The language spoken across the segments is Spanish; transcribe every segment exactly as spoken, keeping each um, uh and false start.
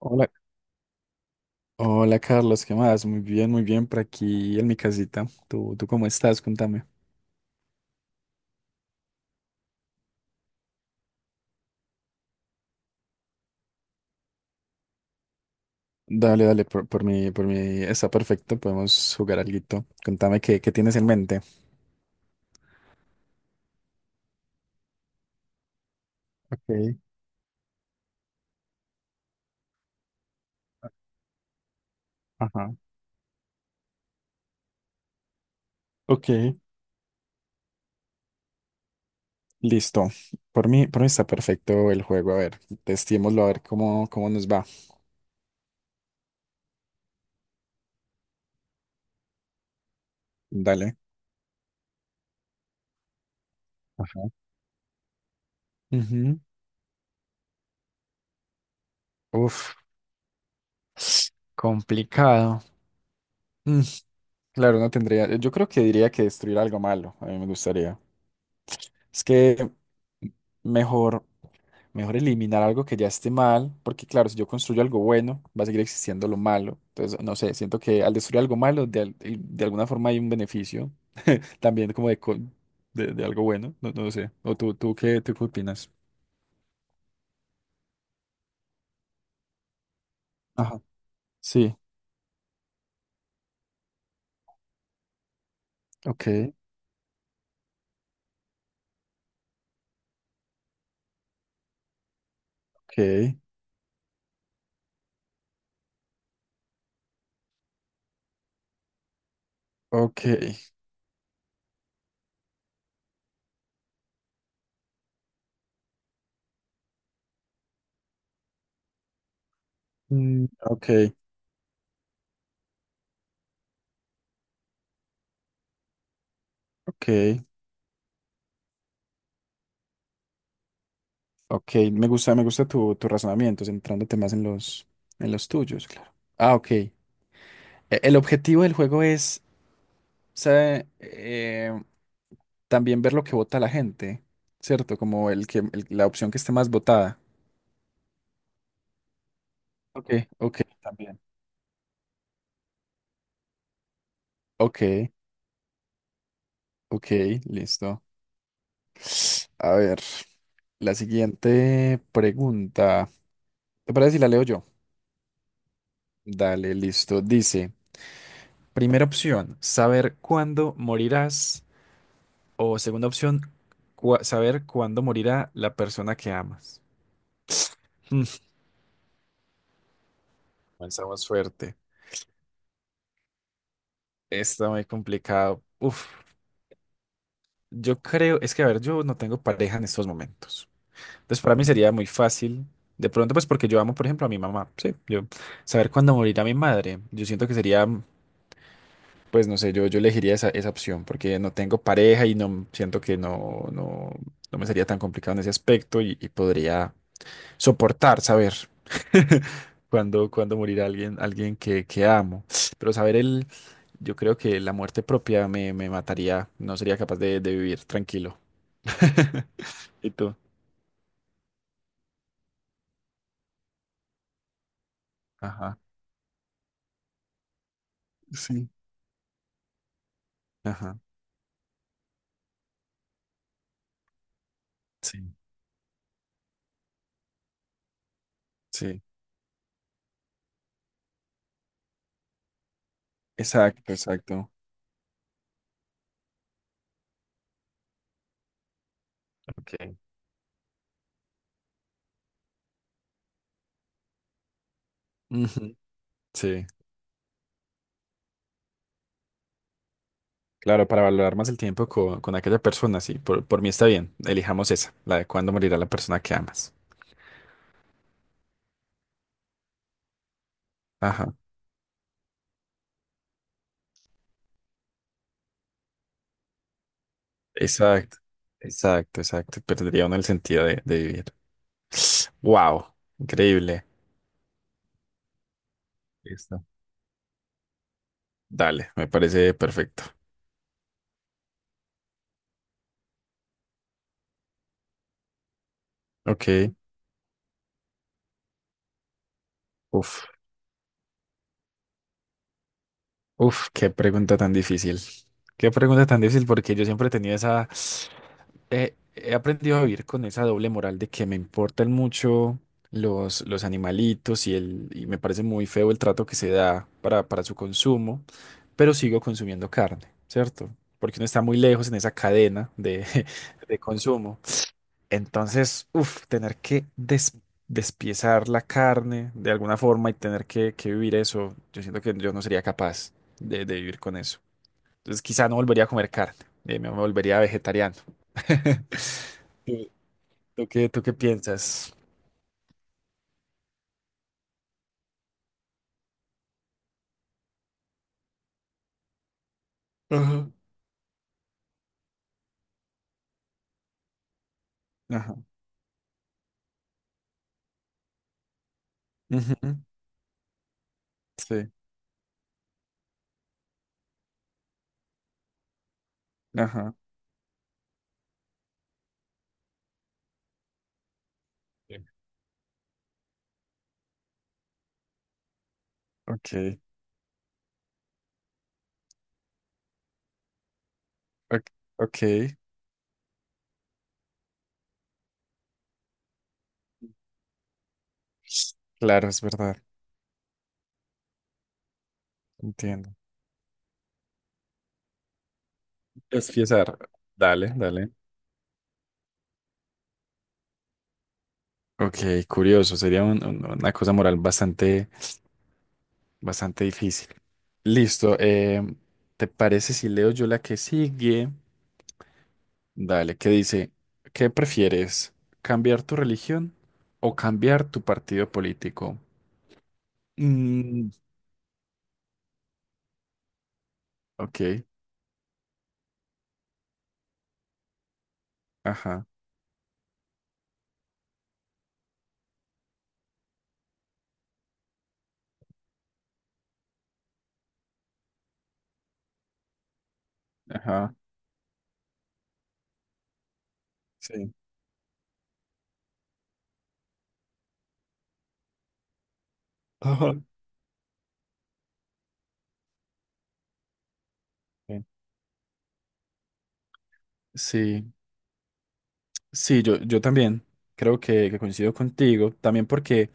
Hola, hola Carlos, ¿qué más? Muy bien, muy bien por aquí en mi casita. ¿Tú, tú cómo estás? Contame. Dale, dale, por, por mí, por mí está perfecto, podemos jugar alguito. Contame qué, qué tienes en mente. Ok, ajá. Ok, listo. Por mí, por mí está perfecto el juego. A ver, testémoslo a ver cómo, cómo nos va. Dale. Ajá. Ujú. Uf, complicado. Mm, claro, no tendría. Yo creo que diría que destruir algo malo. A mí me gustaría. Es que mejor, mejor eliminar algo que ya esté mal, porque claro, si yo construyo algo bueno, va a seguir existiendo lo malo. Entonces, no sé, siento que al destruir algo malo, de, al- de alguna forma hay un beneficio también como de, co- de, de algo bueno, no, no sé. ¿O tú, tú qué, tú qué opinas? Ajá. Sí, ok, ok, ok, mm, ok, ok, ok. Me gusta, me gusta tu, tu razonamiento, centrándote más en los, en los tuyos, claro. Ah, ok. E- El objetivo del juego es sea, eh, también ver lo que vota la gente, ¿cierto? Como el que el- la opción que esté más votada. Ok, ok, también. Ok, ok, listo. A ver, la siguiente pregunta. ¿Te parece si la leo yo? Dale, listo. Dice, primera opción, saber cuándo morirás. O segunda opción, cua- saber cuándo morirá la persona que amas. Comenzamos fuerte. Está muy complicado. Uf. Yo creo, es que a ver, yo no tengo pareja en estos momentos. Entonces, para mí sería muy fácil, de pronto, pues porque yo amo, por ejemplo, a mi mamá, sí, yo saber cuándo morirá mi madre. Yo siento que sería, pues no sé, yo, yo elegiría esa, esa opción porque no tengo pareja y no siento que no, no, no me sería tan complicado en ese aspecto y, y podría soportar saber cuándo, cuándo morirá alguien, alguien que, que amo. Pero saber el, yo creo que la muerte propia me, me mataría, no sería capaz de de vivir tranquilo. Y tú, ajá, sí, ajá, sí, sí, exacto, exacto. Okay. Ujú, sí, claro, para valorar más el tiempo co- con aquella persona, sí, por, por mí está bien, elijamos esa, la de cuándo morirá la persona que amas. Ajá, exacto, exacto, exacto, perdería uno el sentido de, de vivir. Wow, increíble. Listo. Dale, me parece perfecto. Ok, uf, uf, qué pregunta tan difícil. Qué pregunta tan difícil porque yo siempre he tenido esa... eh, he aprendido a vivir con esa doble moral de que me importan mucho los, los animalitos y, el, y me parece muy feo el trato que se da para, para su consumo, pero sigo consumiendo carne, ¿cierto? Porque uno está muy lejos en esa cadena de, de consumo. Entonces, uff, tener que des- despiezar la carne de alguna forma y tener que, que vivir eso, yo siento que yo no sería capaz de, de vivir con eso. Entonces, quizá no volvería a comer carne, eh, me volvería vegetariano. ¿Tú, tú qué, tú qué piensas? Ajá. Ajá. Ujú, sí. Ajá. Bien. Ok. Ok. Ok, claro, es verdad. Entiendo. Es fiesar. Dale, dale. Ok, curioso. Sería un- un- una cosa moral bastante, bastante difícil. Listo. eh, ¿te parece si leo yo la que sigue? Dale, que dice, ¿qué prefieres? ¿Cambiar tu religión o cambiar tu partido político? Mm, ok. Ajá. Ajá. Sí. Ajá. Ok. Sí, sí, yo, yo también creo que, que coincido contigo, también porque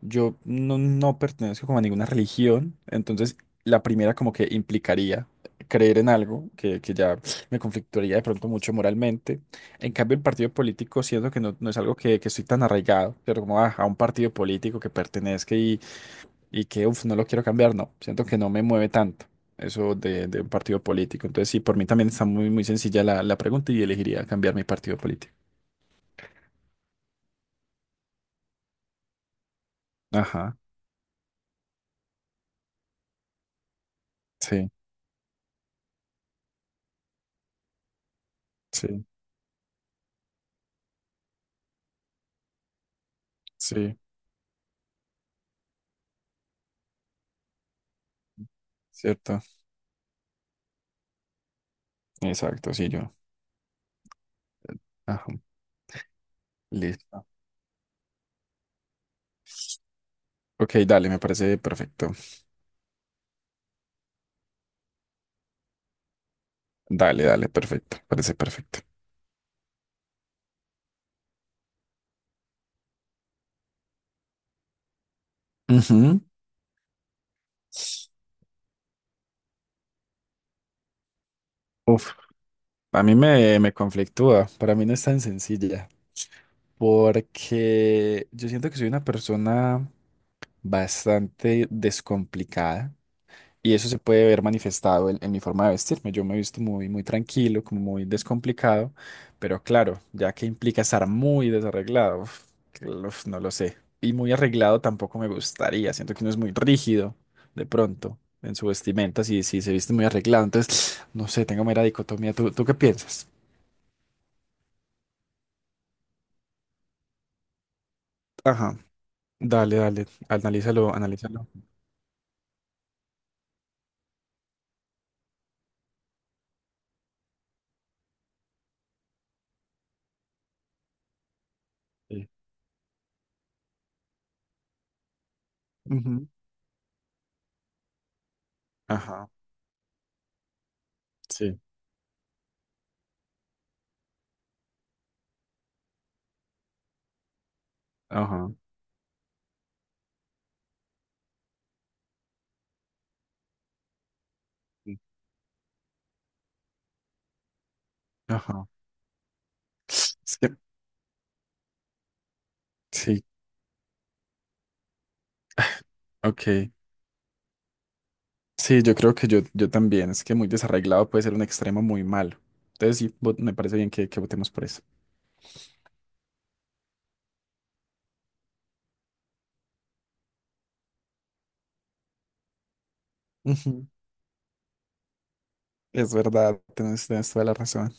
yo no, no pertenezco como a ninguna religión, entonces la primera como que implicaría creer en algo que, que ya me conflictuaría de pronto mucho moralmente. En cambio, el partido político siento que no, no es algo que, que estoy tan arraigado, pero como a, a un partido político que pertenezca y que, uff, no lo quiero cambiar, no, siento que no me mueve tanto eso de, de un partido político. Entonces, sí, por mí también está muy, muy sencilla la, la pregunta y elegiría cambiar mi partido político. Ajá, sí, sí, sí, cierto, exacto, sí, yo. Ajá, listo. Ok, dale, me parece perfecto. Dale, dale, perfecto, parece perfecto. Ujú. Uf, a mí me, me conflictúa, para mí no es tan sencilla, porque yo siento que soy una persona bastante descomplicada. Y eso se puede ver manifestado en, en mi forma de vestirme. Yo me he visto muy, muy tranquilo, como muy descomplicado, pero claro, ya que implica estar muy desarreglado, uf, que- uf, no lo sé. Y muy arreglado tampoco me gustaría. Siento que uno es muy rígido de pronto en su vestimenta si, si se viste muy arreglado. Entonces, no sé, tengo mera dicotomía. ¿Tú, tú qué piensas? Ajá, dale, dale, analízalo, analízalo. Sí. Ujú. Ajá, sí, ajá, sí, ajá. Es que- sí, ok. Sí, yo creo que yo, yo también. Es que muy desarreglado puede ser un extremo muy malo. Entonces sí, vo- me parece bien que, que votemos por eso. Ujú. Es verdad, tienes, tienes toda la razón.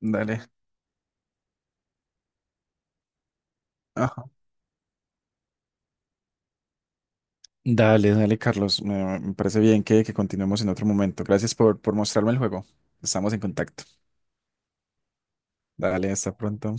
Dale. Ajá. Dale, dale, Carlos. Me, me parece bien que, que continuemos en otro momento. Gracias por, por mostrarme el juego. Estamos en contacto. Dale, hasta pronto.